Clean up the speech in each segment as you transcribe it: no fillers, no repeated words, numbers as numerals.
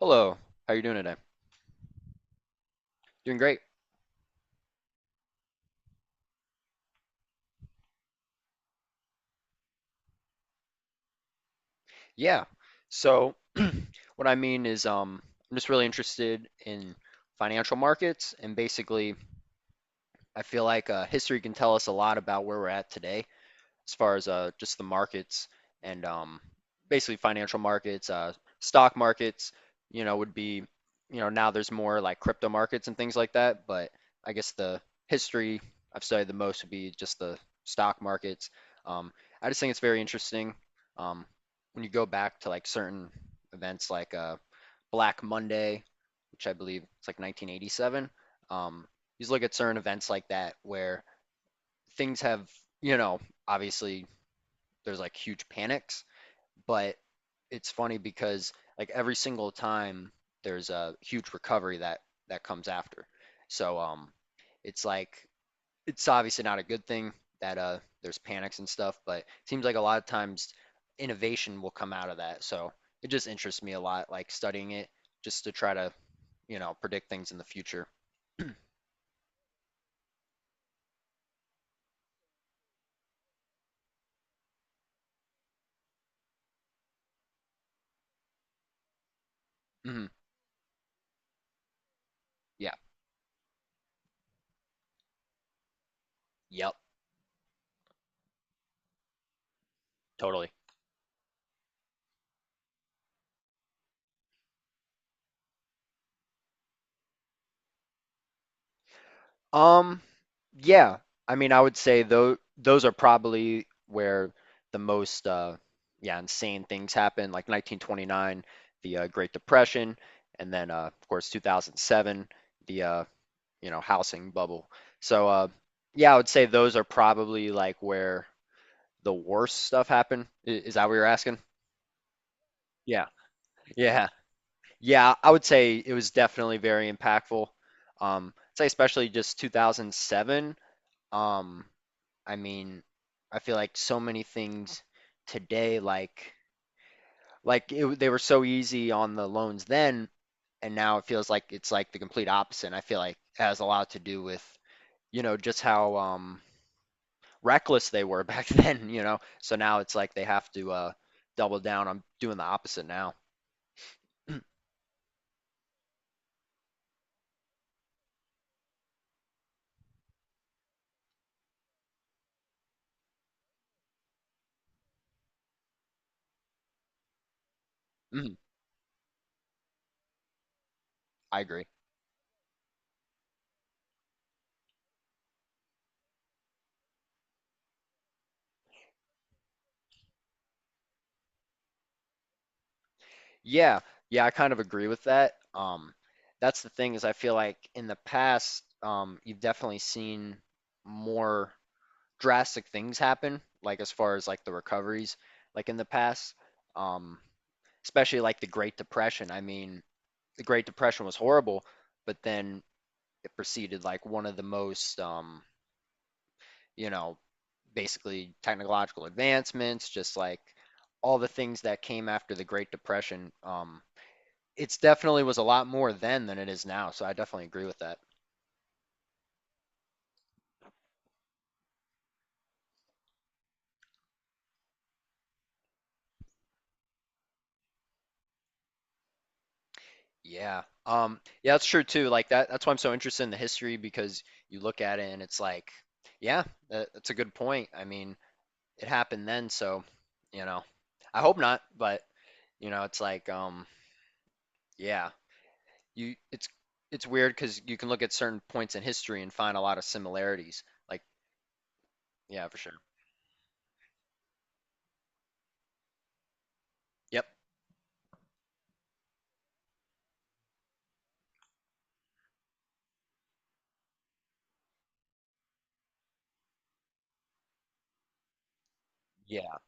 Hello, how you doing today? Doing great. Yeah. So what I mean is I'm just really interested in financial markets, and basically I feel like history can tell us a lot about where we're at today as far as just the markets. And Basically financial markets, stock markets, you know, would be, you know, now there's more like crypto markets and things like that. But I guess the history I've studied the most would be just the stock markets. Um, I just think it's very interesting um, when you go back to like certain events like Black Monday, which I believe it's like 1987. Um, you just look at certain events like that where things have, you know, obviously there's like huge panics, but it's funny because like every single time there's a huge recovery that comes after. So it's like it's obviously not a good thing that there's panics and stuff, but it seems like a lot of times innovation will come out of that. So it just interests me a lot like studying it just to try to, you know, predict things in the future. Hmm Yeah. Yep. Totally. Um, yeah. I mean, I would say though those are probably where the most yeah, insane things happen, like 1929, the Great Depression, and then of course 2007, the you know, housing bubble. So yeah, I would say those are probably like where the worst stuff happened. I- Is that what you're asking? Yeah. Yeah. Yeah, I would say it was definitely very impactful. I'd say especially just 2007. Um, I mean, I feel like so many things today, like they were so easy on the loans then, and now it feels like it's like the complete opposite. And I feel like it has a lot to do with, you know, just how reckless they were back then, you know. So now it's like they have to double down I'm doing the opposite now. I agree. Yeah, yeah, I kind of agree with that. That's the thing is I feel like in the past, you've definitely seen more drastic things happen, like as far as like the recoveries, like in the past, um, especially like the Great Depression. I mean, the Great Depression was horrible, but then it preceded like one of the most, you know, basically technological advancements, just like all the things that came after the Great Depression. It's definitely was a lot more then than it is now, so I definitely agree with that. Yeah. Yeah, that's true too. That's why I'm so interested in the history because you look at it and it's like, yeah, that's a good point. I mean, it happened then, so, you know, I hope not, but you know, it's like, yeah, you, it's, it's weird because you can look at certain points in history and find a lot of similarities. Like, yeah, for sure. Yep. Yeah.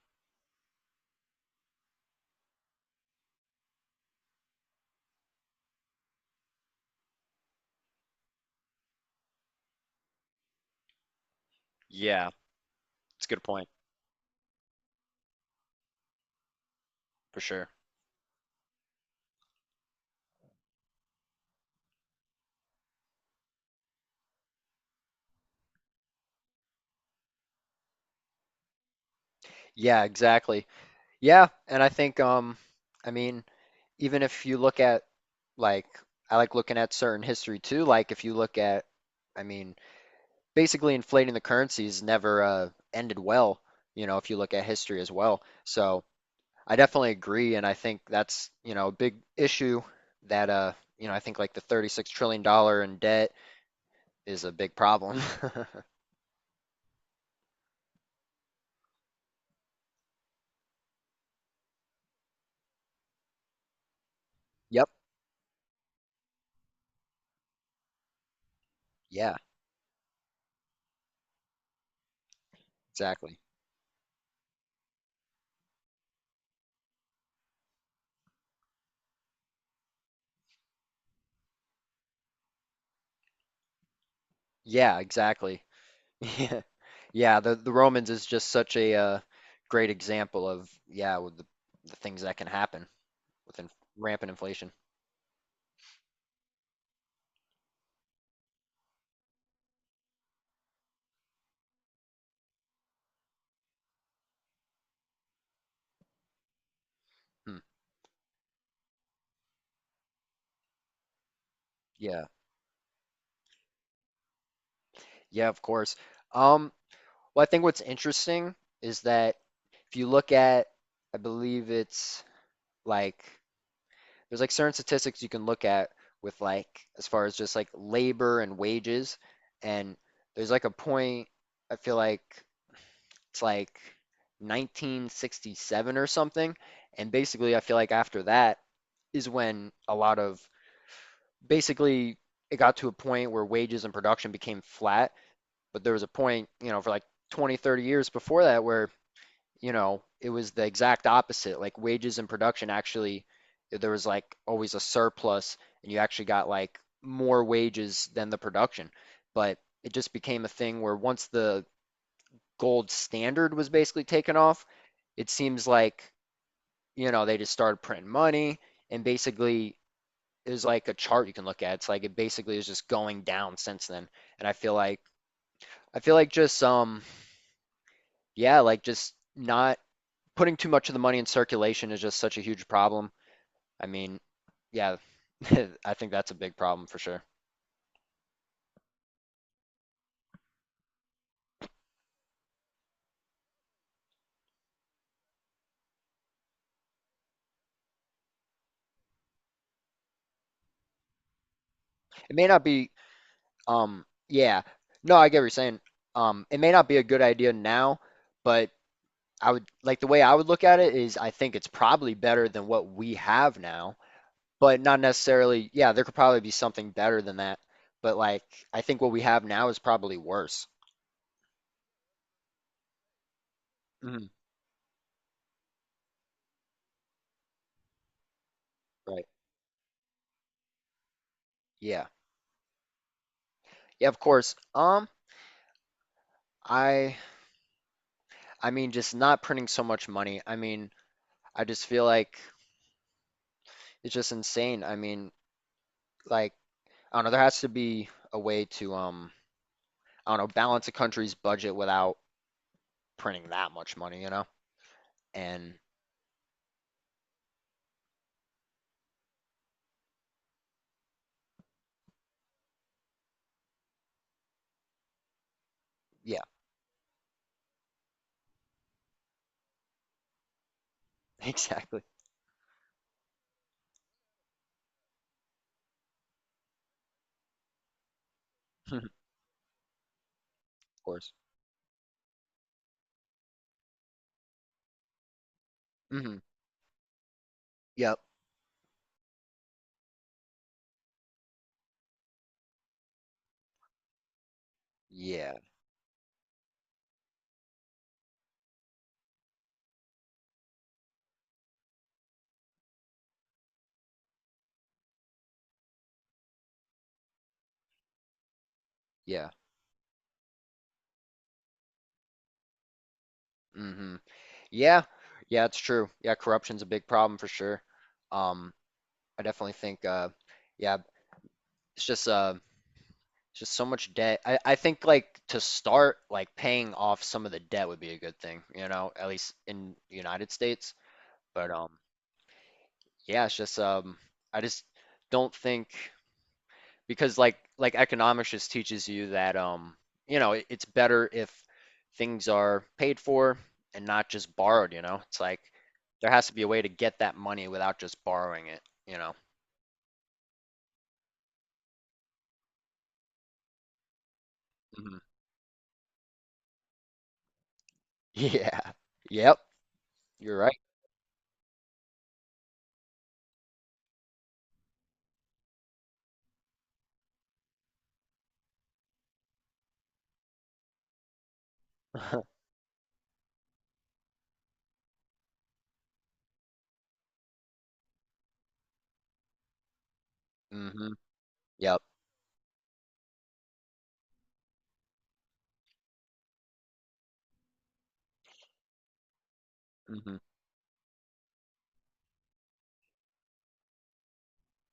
Yeah. It's a good point for sure. Yeah, exactly. Yeah, and I think, I mean. Even if you look at like I like looking at certain history too. Like if you look at, I mean, basically inflating the currencies never ended well. You know, if you look at history as well. So I definitely agree, and I think that's you know a big issue that you know I think like the 36 trillion dollars in debt is a big problem. Yep. Yeah. Exactly. Yeah. Exactly. Yeah. Yeah, the Romans is just such a great example of yeah, with the things that can happen with inf rampant inflation. Hmm. Yeah. Yeah, of course. Um, well, I think what's interesting is that if you look at, I believe it's like there's like certain statistics you can look at with like as far as just like labor and wages, and there's like a point I feel like it's like 1967 or something. And basically, I feel like after that is when a lot of basically it got to a point where wages and production became flat. But there was a point, you know, for like 20, 30 years before that where, you know, it was the exact opposite. Like wages and production actually, there was like always a surplus and you actually got like more wages than the production. But it just became a thing where once the gold standard was basically taken off, it seems like, you know, they just started printing money, and basically there's like a chart you can look at. It's like it basically is just going down since then. And I feel like just yeah, like just not putting too much of the money in circulation is just such a huge problem. I mean, yeah, I think that's a big problem for sure. It may not be yeah. No, I get what you're saying. It may not be a good idea now, but I would like the way I would look at it is I think it's probably better than what we have now. But not necessarily, yeah, there could probably be something better than that. But like, I think what we have now is probably worse. Mhm. Right. Yeah. Yeah, of course. I I mean just not printing so much money. I mean, I just feel like it's just insane. I mean, like, I don't know, there has to be a way to I don't know, balance a country's budget without printing that much money, you know? And yeah, exactly. Of course. Hmm Yep. Yeah. Yeah. hmm Yeah, yeah, it's true. Yeah, corruption's a big problem for sure. Um, I definitely think, yeah, it's just, uh, it's just so much debt. I think like to start, like paying off some of the debt would be a good thing, you know, at least in the United States. But yeah, it's just, I just don't think. Because like economics just teaches you that you know it's better if things are paid for and not just borrowed, you know it's like there has to be a way to get that money without just borrowing it, you know. Hmm Yeah. Yep. You're right. hmm yep. hmm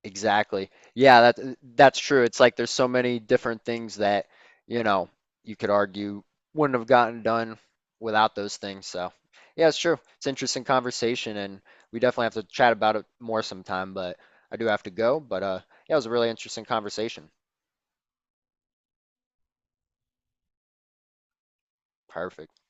Exactly. Yeah, that that's true. It's like there's so many different things that, you know, you could argue wouldn't have gotten done without those things. So, yeah, it's true. It's an interesting conversation, and we definitely have to chat about it more sometime, but I do have to go. But yeah, it was a really interesting conversation. Perfect.